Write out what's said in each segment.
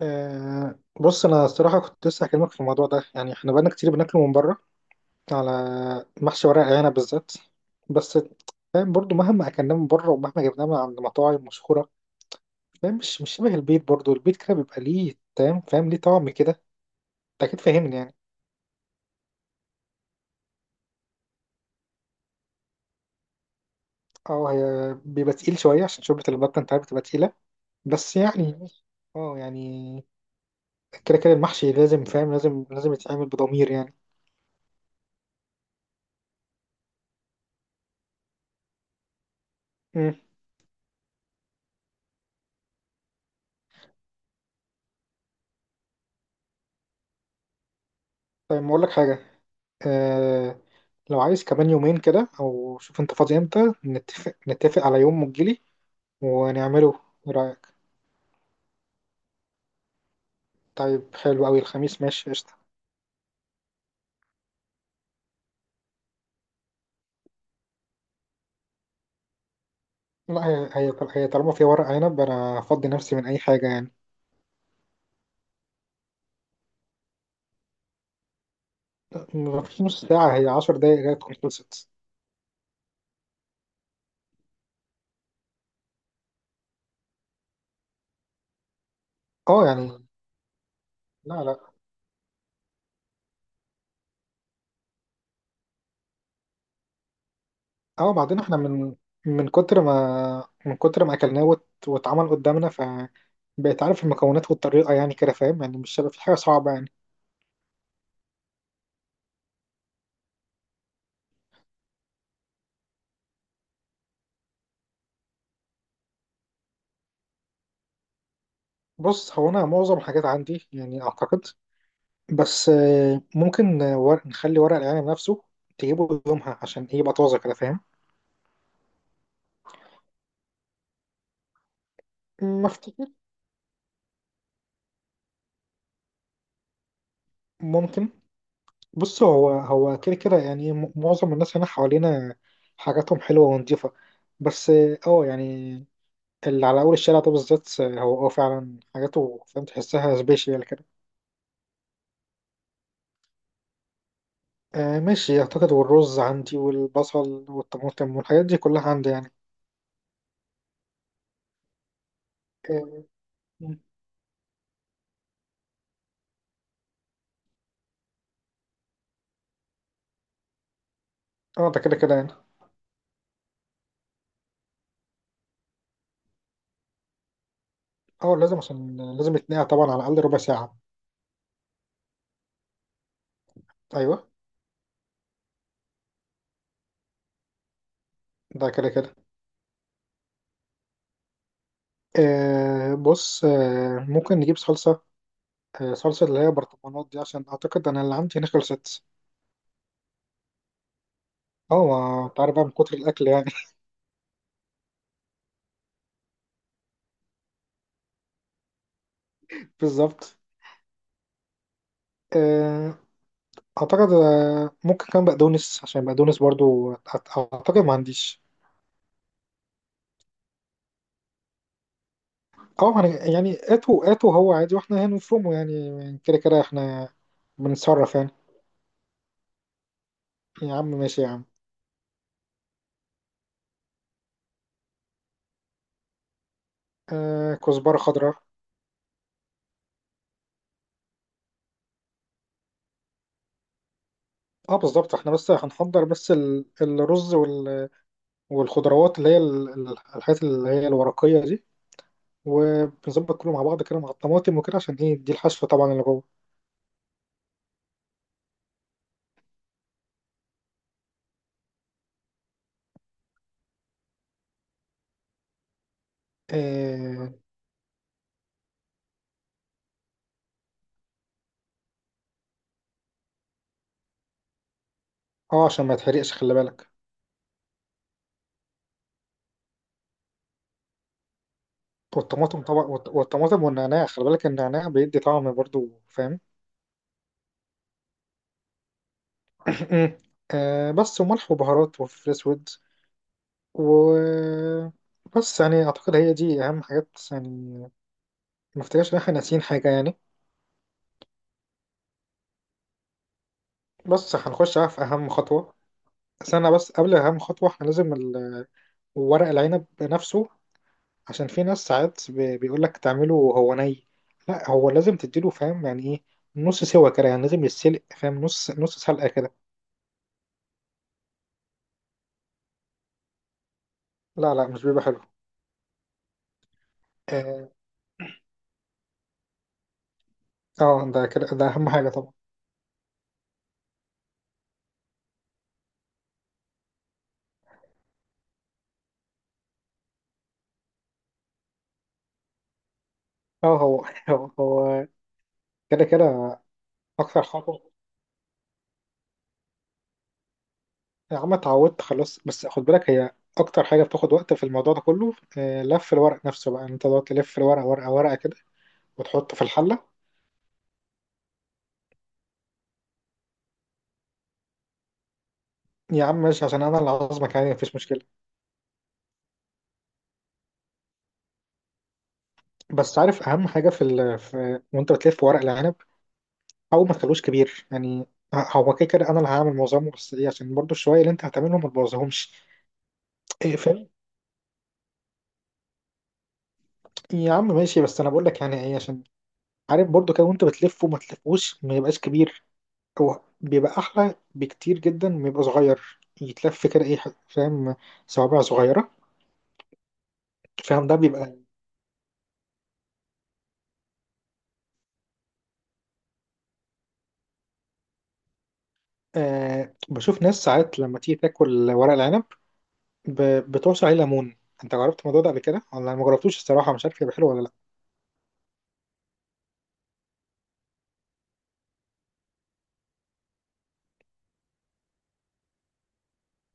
بص انا الصراحه كنت لسه هكلمك في الموضوع ده يعني، احنا بقالنا كتير بناكله من بره، على محشي ورق عنب بالذات. بس فاهم، برضو مهما اكلناه من بره ومهما جبناه من عند مطاعم مشهوره، فاهم، مش شبه البيت، برضو البيت كده بيبقى ليه، فاهم ليه طعم كده. انت اكيد فاهمني يعني. اه، هي بيبقى تقيل شويه عشان شوربه البطه، انت عارف بتبقى تقيله. بس يعني، اه يعني، كده كده المحشي لازم، فاهم، لازم يتعمل بضمير يعني. امم طيب، ما اقول لك حاجه. آه لو عايز كمان يومين كده، او شوف انت فاضي امتى، نتفق على يوم وتجيلي ونعمله. ايه رأيك؟ طيب، حلو قوي، الخميس ماشي، قشطة. لا، هي طالما في ورق عنب انا افضي نفسي من اي حاجة يعني. مفيش نص ساعة، هي 10 دقايق جاية تكون خلصت. اه يعني. لا، لا. اه. بعدين احنا من كتر ما اكلناه واتعمل قدامنا، ف بقيت عارف المكونات والطريقة يعني، كده فاهم، يعني مش هيبقى في حاجة صعبة يعني. بص، هو انا معظم الحاجات عندي يعني اعتقد. بس ممكن ورق، نخلي ورق العنب نفسه تجيبه يومها، عشان ايه، يبقى طازه كده، فاهم؟ ما افتكر، ممكن. بص، هو هو كده كده يعني، معظم الناس هنا حوالينا حاجاتهم حلوه ونضيفه، بس اه يعني، اللي على اول الشارع ده بالذات، هو اه فعلا حاجاته فاهم، تحسها سبيشال كده. آه ماشي، اعتقد. والرز عندي والبصل والطماطم والحاجات دي كلها عندي يعني. اه ده كده كده يعني. اه لازم، عشان لازم يتنقع طبعا على الاقل ربع ساعه. ايوه. ده كده كده. بص، ممكن نجيب صلصة، آه صلصة اللي هي برطمانات دي، عشان أعتقد أنا اللي عندي هنا خلصت. اه، ما أنت عارف بقى من كتر الأكل يعني. بالظبط. آه، أعتقد ممكن كمان بقدونس، عشان بقدونس برضو أعتقد ما عنديش. اه، ما أنا- يعني، هاتوا، هو عادي واحنا هنفرمه يعني، كده كده احنا بنتصرف يعني. يا عم ماشي يا عم. آه، كزبرة خضراء. اه بالظبط، احنا بس هنحضر، بس الرز والخضروات اللي هي الحاجات اللي هي الورقية دي، وبنظبط كله مع بعض كده مع الطماطم وكده، عشان ايه، دي الحشوة طبعا اللي جوه. اه عشان ما يتحرقش، خلي بالك. والطماطم طبعا، والطماطم والنعناع، خلي بالك النعناع بيدي طعم برضو، فاهم؟ آه بس، وملح وبهارات وفلفل اسود، و، بس يعني اعتقد هي دي اهم حاجات يعني. ما افتكرش ان احنا ناسيين حاجه يعني. بس هنخش بقى في اهم خطوه. استنى بس، قبل اهم خطوه، احنا لازم ورق العنب نفسه، عشان في ناس ساعات بيقولك تعمله وهو ني. لا، هو لازم تديله، فاهم يعني ايه، نص سوا كده يعني، لازم يتسلق فاهم، نص سلقة كده. لا، لا، مش بيبقى حلو. اه ده كده ده اهم حاجة طبعا. اه، هو هو كده كده. اكتر حاجة. يا عم اتعودت خلاص، بس خد بالك، هي اكتر حاجة بتاخد وقت في الموضوع ده كله لف الورق نفسه، بقى انت تقعد تلف الورق ورقة ورقة كده وتحطه في الحلة. يا عم ماشي، عشان انا اللي عازمك يعني مفيش مشكلة. بس عارف اهم حاجة في، وانت بتلف ورق العنب، او ما تخلوش كبير يعني. هو كده كده انا اللي هعمل معظمه، بس ليه، عشان برضو الشوية اللي انت هتعملهم ما تبوظهمش. إيه فاهم. يا عم ماشي، بس انا بقول لك يعني ايه، عشان عارف برضو كده وانت بتلف، وما تلفوش ما يبقاش كبير، هو بيبقى احلى بكتير جدا ما يبقى صغير يتلف كده، ايه فاهم، صوابع صغيرة فاهم، ده بيبقى. آه، بشوف ناس ساعات لما تيجي تاكل ورق العنب بتعصر عليه ليمون، انت جربت الموضوع ده قبل كده ولا ما جربتوش؟ الصراحة مش عارف يبقى حلو ولا لا.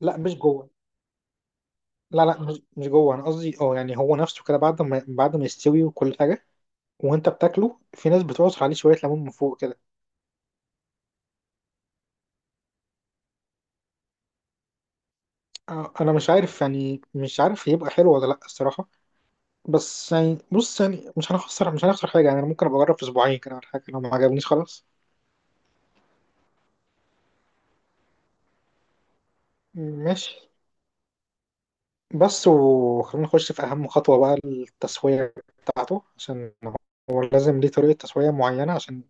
لا، مش جوه. لا، لا، مش جوه، انا قصدي اه يعني هو نفسه كده، بعد ما يستوي وكل حاجه وانت بتاكله، في ناس بتعصر عليه شويه ليمون من فوق كده. آه، انا مش عارف يعني، مش عارف هيبقى حلو ولا لا الصراحه، بس يعني بص يعني، مش هنخسر حاجه يعني، انا ممكن ابقى اجرب في اسبوعين كده ولا حاجه، لو ما عجبنيش خلاص. ماشي، بس، وخلينا نخش في اهم خطوه بقى، التسويه بتاعته. عشان هو لازم ليه طريقه تسويه معينه عشان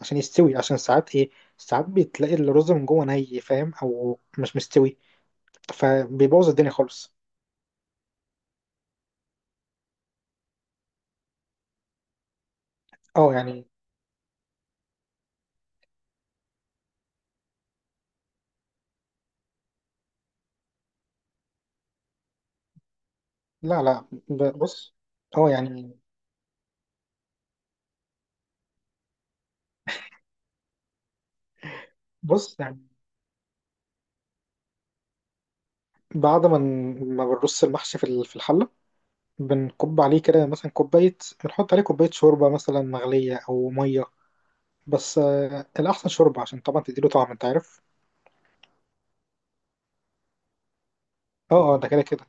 عشان يستوي، عشان ساعات ايه، ساعات بتلاقي الرز من جوه ني فاهم، او مش مستوي، فبيبوظ الدنيا خالص. اه يعني. لا، لا، بص. اه يعني، بص يعني، بعد ما ما بنرص المحشي في في الحلة، بنكب عليه كده مثلا كوباية، بنحط عليه كوباية شوربة مثلا مغلية أو مية، بس آه الأحسن شوربة، عشان طبعا تديله طعم أنت عارف. اه اه، ده كده كده.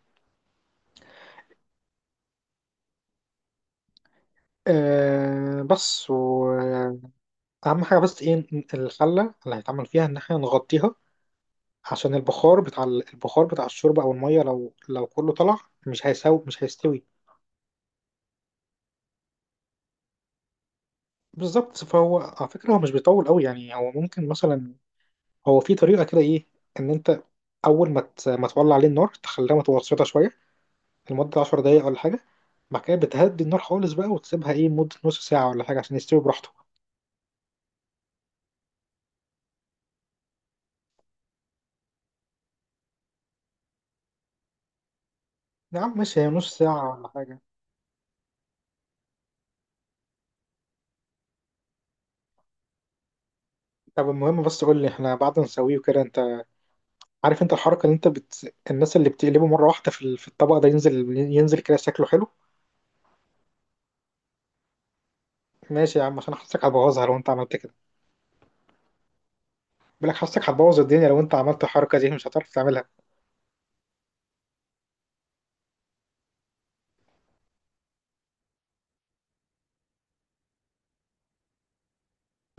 آه بس، وأهم حاجة بس إيه، الحلة اللي هيتعمل فيها، إن احنا نغطيها، عشان البخار بتاع البخار بتاع الشوربة أو المية، لو كله طلع مش هيساوي، مش هيستوي. بالظبط، فهو على فكرة هو مش بيطول قوي يعني، هو ممكن مثلا، هو في طريقة كده ايه، ان انت اول ما ما تولع عليه النار، تخليها متوسطة شوية لمدة 10 دقايق ولا حاجة، بعد كده بتهدي النار خالص بقى وتسيبها ايه مدة نص ساعة ولا حاجة، عشان يستوي براحته. يا عم ماشي، هي نص ساعة ولا حاجة. طب المهم، بس قول لي احنا بعد ما نسويه وكده، انت عارف انت الحركة اللي انت الناس اللي بتقلبه مرة واحدة في في الطبق، ده ينزل ينزل كده شكله حلو. ماشي يا عم، عشان حاسك هتبوظها لو انت عملت كده. بقول لك حاسك هتبوظ الدنيا لو انت عملت الحركة دي، مش هتعرف تعملها.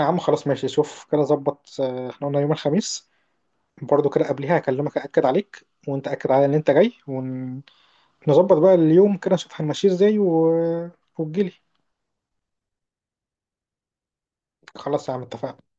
يا عم خلاص ماشي، شوف كده ظبط. احنا قلنا يوم الخميس، برضو كده قبلها هكلمك أأكد عليك، وانت أكد على ان انت جاي ونظبط بقى اليوم كده، نشوف هنمشيه ازاي، وتجيلي. خلاص يا عم، اتفقنا.